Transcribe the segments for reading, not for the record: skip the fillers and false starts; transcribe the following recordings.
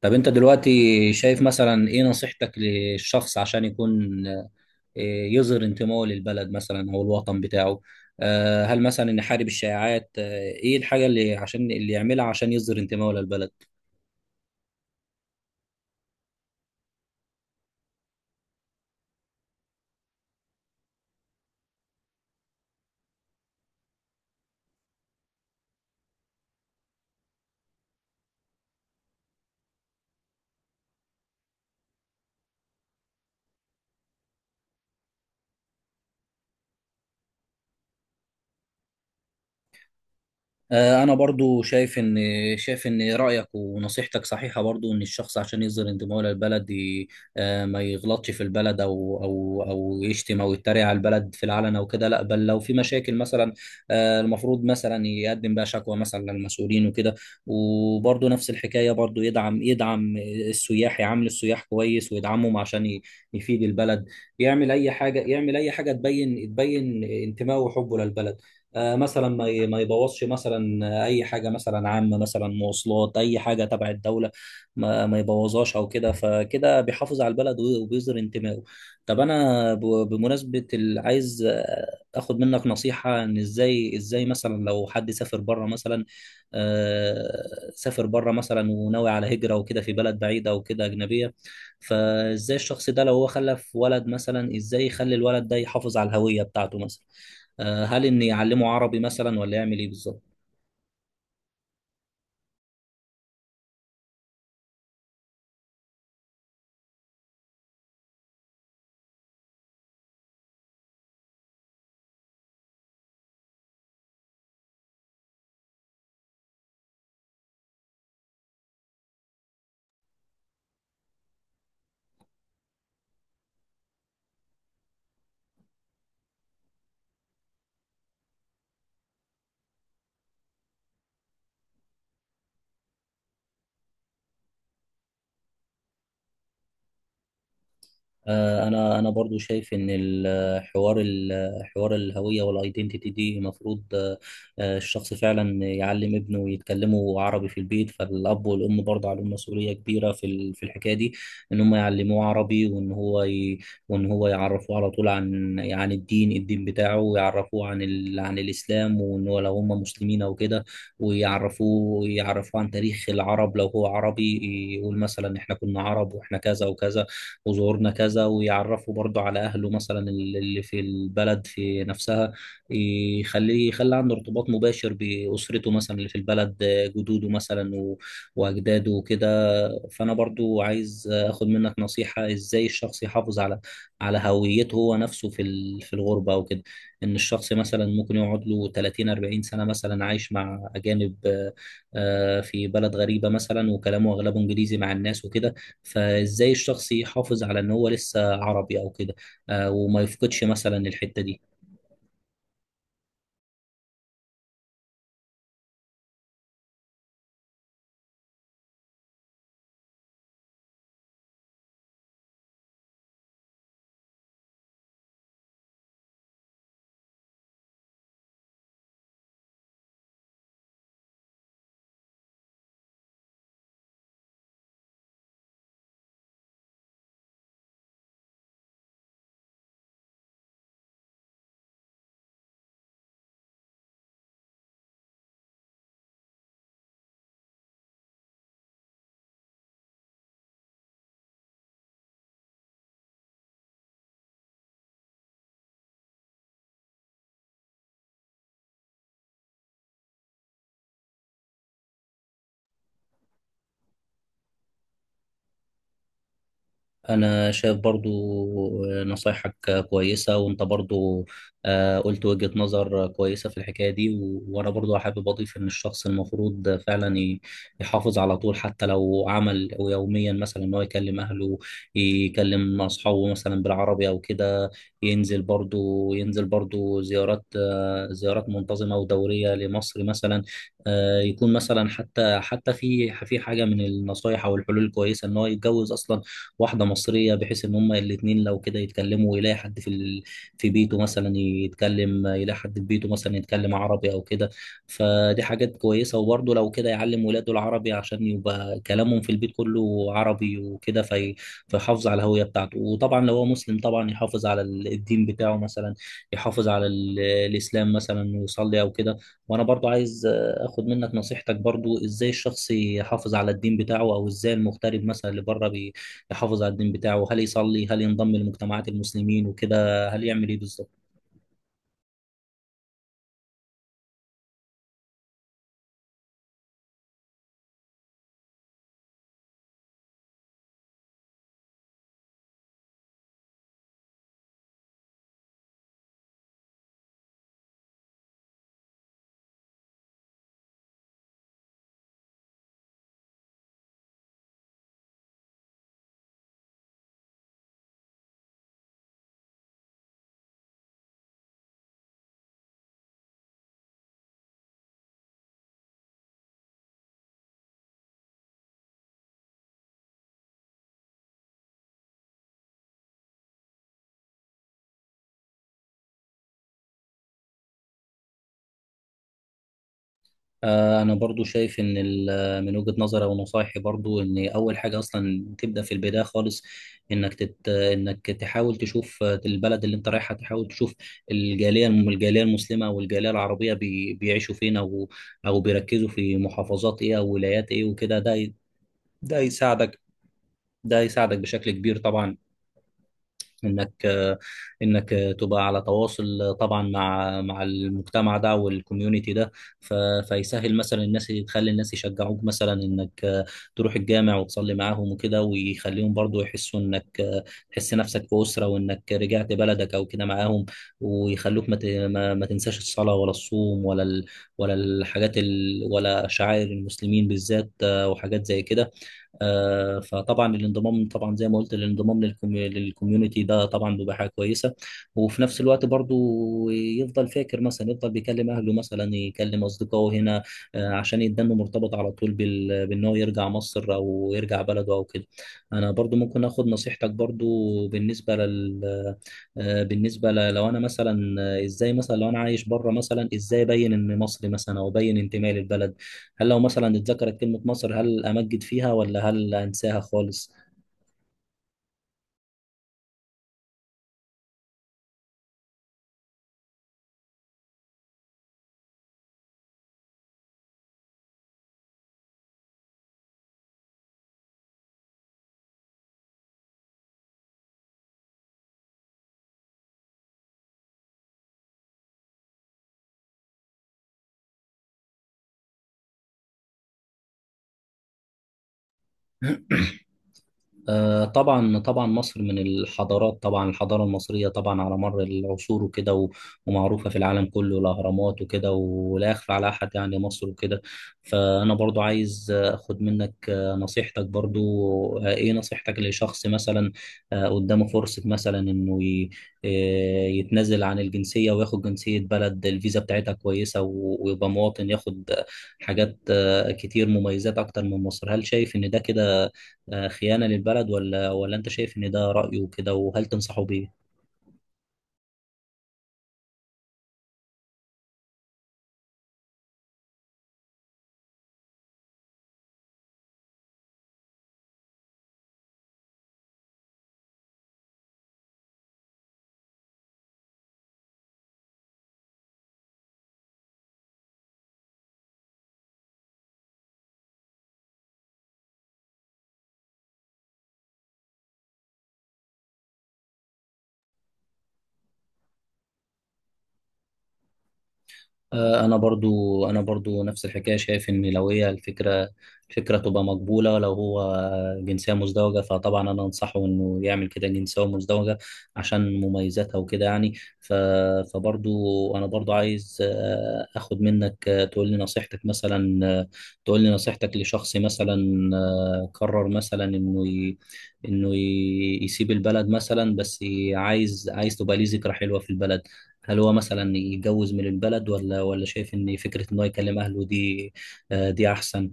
طب انت دلوقتي شايف مثلا ايه نصيحتك للشخص عشان يكون يظهر انتمائه للبلد مثلا او الوطن بتاعه. هل مثلا يحارب الشائعات، ايه الحاجة اللي عشان اللي يعملها عشان يظهر انتمائه للبلد؟ انا برضو شايف ان رايك ونصيحتك صحيحه، برضو ان الشخص عشان يظهر انتمائه للبلد ما يغلطش في البلد او يشتم او يتريق على البلد في العلن او كده، لا بل لو في مشاكل مثلا، المفروض مثلا يقدم بقى شكوى مثلا للمسؤولين وكده. وبرضو نفس الحكايه، برضو يدعم السياح، يعامل السياح كويس ويدعمهم عشان يفيد البلد. يعمل اي حاجه تبين انتمائه وحبه للبلد. مثلا ما يبوظش مثلا اي حاجه مثلا عامه، مثلا مواصلات، اي حاجه تبع الدوله ما يبوظهاش او كده. فكده بيحافظ على البلد وبيظهر انتمائه. طب انا بمناسبه عايز اخد منك نصيحه ان ازاي مثلا لو حد سافر بره مثلا، آه، سافر بره مثلا وناوي على هجره وكده في بلد بعيده او كده اجنبيه، فازاي الشخص ده لو هو خلف ولد مثلا ازاي يخلي الولد ده يحافظ على الهويه بتاعته مثلا؟ هل إني أعلمه عربي مثلا ولا يعمل إيه بالظبط؟ انا برضو شايف ان حوار الهويه والايدنتيتي دي المفروض، الشخص فعلا يعلم ابنه يتكلموا عربي في البيت. فالاب والام برضه عليهم مسؤوليه كبيره في في الحكايه دي، ان هم يعلموه عربي وان وان هو يعرفوه على طول عن عن الدين بتاعه، ويعرفوه عن عن الاسلام وان هو لو هم مسلمين او كده، ويعرفوه عن تاريخ العرب لو هو عربي. يقول مثلا احنا كنا عرب واحنا كذا وكذا وزورنا كذا. ويعرفه برضه على أهله مثلا اللي في البلد في نفسها، يخلي عنده ارتباط مباشر بأسرته مثلا اللي في البلد، جدوده مثلا و- وأجداده وكده. فأنا برضو عايز أخد منك نصيحة إزاي الشخص يحافظ على على هويته هو نفسه في في الغربة أو كده. إن الشخص مثلا ممكن يقعد له 30 40 سنة مثلا عايش مع أجانب، في بلد غريبة مثلا وكلامه أغلبه إنجليزي مع الناس وكده. فازاي الشخص يحافظ على ان هو لسه عربي او كده، وما يفقدش مثلا الحتة دي؟ أنا شايف برضو نصايحك كويسة وأنت برضو، قلت وجهة نظر كويسة في الحكاية دي. وأنا برضو حابب أضيف إن الشخص المفروض فعلا يحافظ على طول، حتى لو عمل يوميا مثلا إن هو يكلم أهله، يكلم أصحابه مثلا بالعربي أو كده. ينزل برضو زيارات، زيارات منتظمة ودورية لمصر مثلا. يكون مثلا حتى في في حاجة من النصايح أو الحلول الكويسة إن هو يتجوز أصلا واحده مصريه، بحيث ان هما الاثنين لو كده يتكلموا ويلاقي حد في في بيته مثلا يتكلم، يلاقي حد في بيته مثلا يتكلم عربي او كده. فدي حاجات كويسه، وبرضه لو كده يعلم ولاده العربي عشان يبقى كلامهم في البيت كله عربي وكده فيحافظ على الهويه بتاعته. وطبعا لو هو مسلم طبعا يحافظ على الدين بتاعه مثلا، يحافظ على الاسلام مثلا ويصلي او كده. وانا برضو عايز اخد منك نصيحتك برضو، ازاي الشخص يحافظ على الدين بتاعه؟ او ازاي المغترب مثلا اللي بره يحافظ على الدين بتاعه؟ هل يصلي؟ هل ينضم لمجتمعات المسلمين وكده؟ هل يعمل ايه بالظبط؟ انا برضو شايف ان من وجهة نظري ونصايحي برضو ان اول حاجة اصلا تبدأ في البداية خالص، انك تحاول تشوف البلد اللي انت رايحها، تحاول تشوف الجالية المسلمة والجالية العربية بيعيشوا فين، او او بيركزوا في محافظات ايه او ولايات ايه وكده. ده يساعدك، ده يساعدك بشكل كبير طبعا، انك انك تبقى على تواصل طبعا مع مع المجتمع ده والكوميونتي ده. ف- فيسهل مثلا، الناس تخلي الناس يشجعوك مثلا انك تروح الجامع وتصلي معاهم وكده، ويخليهم برضو يحسوا انك تحس نفسك في أسرة وانك رجعت بلدك او كده معاهم، ويخلوك ما ت- ما ما تنساش الصلاة ولا الصوم ولا ولا الحاجات ولا شعائر المسلمين بالذات، وحاجات زي كده. فطبعا الانضمام، طبعا زي ما قلت، الانضمام للكوميونتي ده طبعا بيبقى حاجه كويسه. وفي نفس الوقت برضو يفضل فاكر مثلا، يفضل بيكلم اهله مثلا، يكلم اصدقائه هنا، عشان يدنه مرتبط على طول بان هو يرجع مصر او يرجع بلده او كده. انا برضو ممكن اخد نصيحتك برضو بالنسبه لل بالنسبه لو انا مثلا، ازاي مثلا لو انا عايش بره مثلا ازاي ابين ان مصري مثلا، او ابين انتمائي للبلد؟ هل لو مثلا اتذكرت كلمة مصر هل أمجد فيها، ولا هل أنساها خالص؟ طبعا مصر من الحضارات، طبعا الحضارة المصرية طبعا على مر العصور وكده، ومعروفة في العالم كله، الأهرامات وكده ولا يخفى على أحد يعني مصر وكده. فأنا برضو عايز أخد منك نصيحتك برضو. إيه نصيحتك لشخص مثلا، قدامه فرصة مثلا إنه يتنازل عن الجنسية وياخد جنسية بلد الفيزا بتاعتها كويسة، ويبقى مواطن، ياخد حاجات، كتير مميزات أكتر من مصر؟ هل شايف إن ده كده خيانة للبلد، ولا ولا أنت شايف إن ده رأيه كده وهل تنصحه بيه؟ انا برضو نفس الحكايه، شايف ان لو هي الفكره تبقى مقبوله لو هو جنسيه مزدوجه. فطبعا انا انصحه انه يعمل كده جنسيه مزدوجه عشان مميزاتها وكده يعني. ف فبرضو انا برضو عايز اخد منك، تقول لي نصيحتك مثلا، تقول لي نصيحتك لشخص مثلا، قرر مثلا يسيب البلد مثلا، بس عايز، عايز تبقى ليه ذكرى حلوه في البلد. هل هو مثلا يتجوز من البلد، ولا ولا شايف ان فكره ان هو يكلم اهله دي، دي احسن؟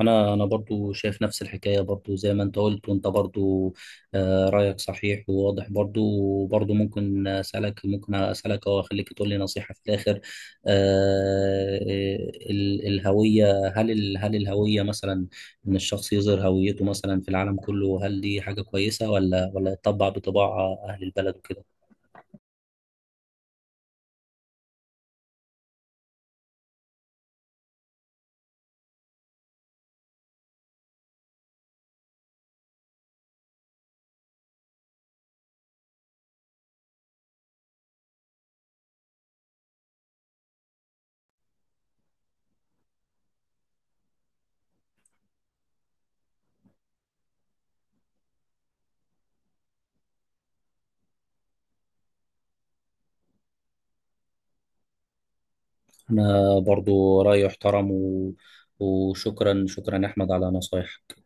انا برضو شايف نفس الحكايه برضو زي ما انت قلت، وانت برضو، رايك صحيح وواضح برضو. وبرضو ممكن اسالك او اخليك تقول لي نصيحه في الاخر، آه، الهويه، هل الهويه مثلا، ان الشخص يظهر هويته مثلا في العالم كله، هل دي حاجه كويسه، ولا ولا يطبع بطباع اهل البلد وكده؟ أنا برضو رأيي احترم وشكرا، شكرا يا أحمد على نصايحك.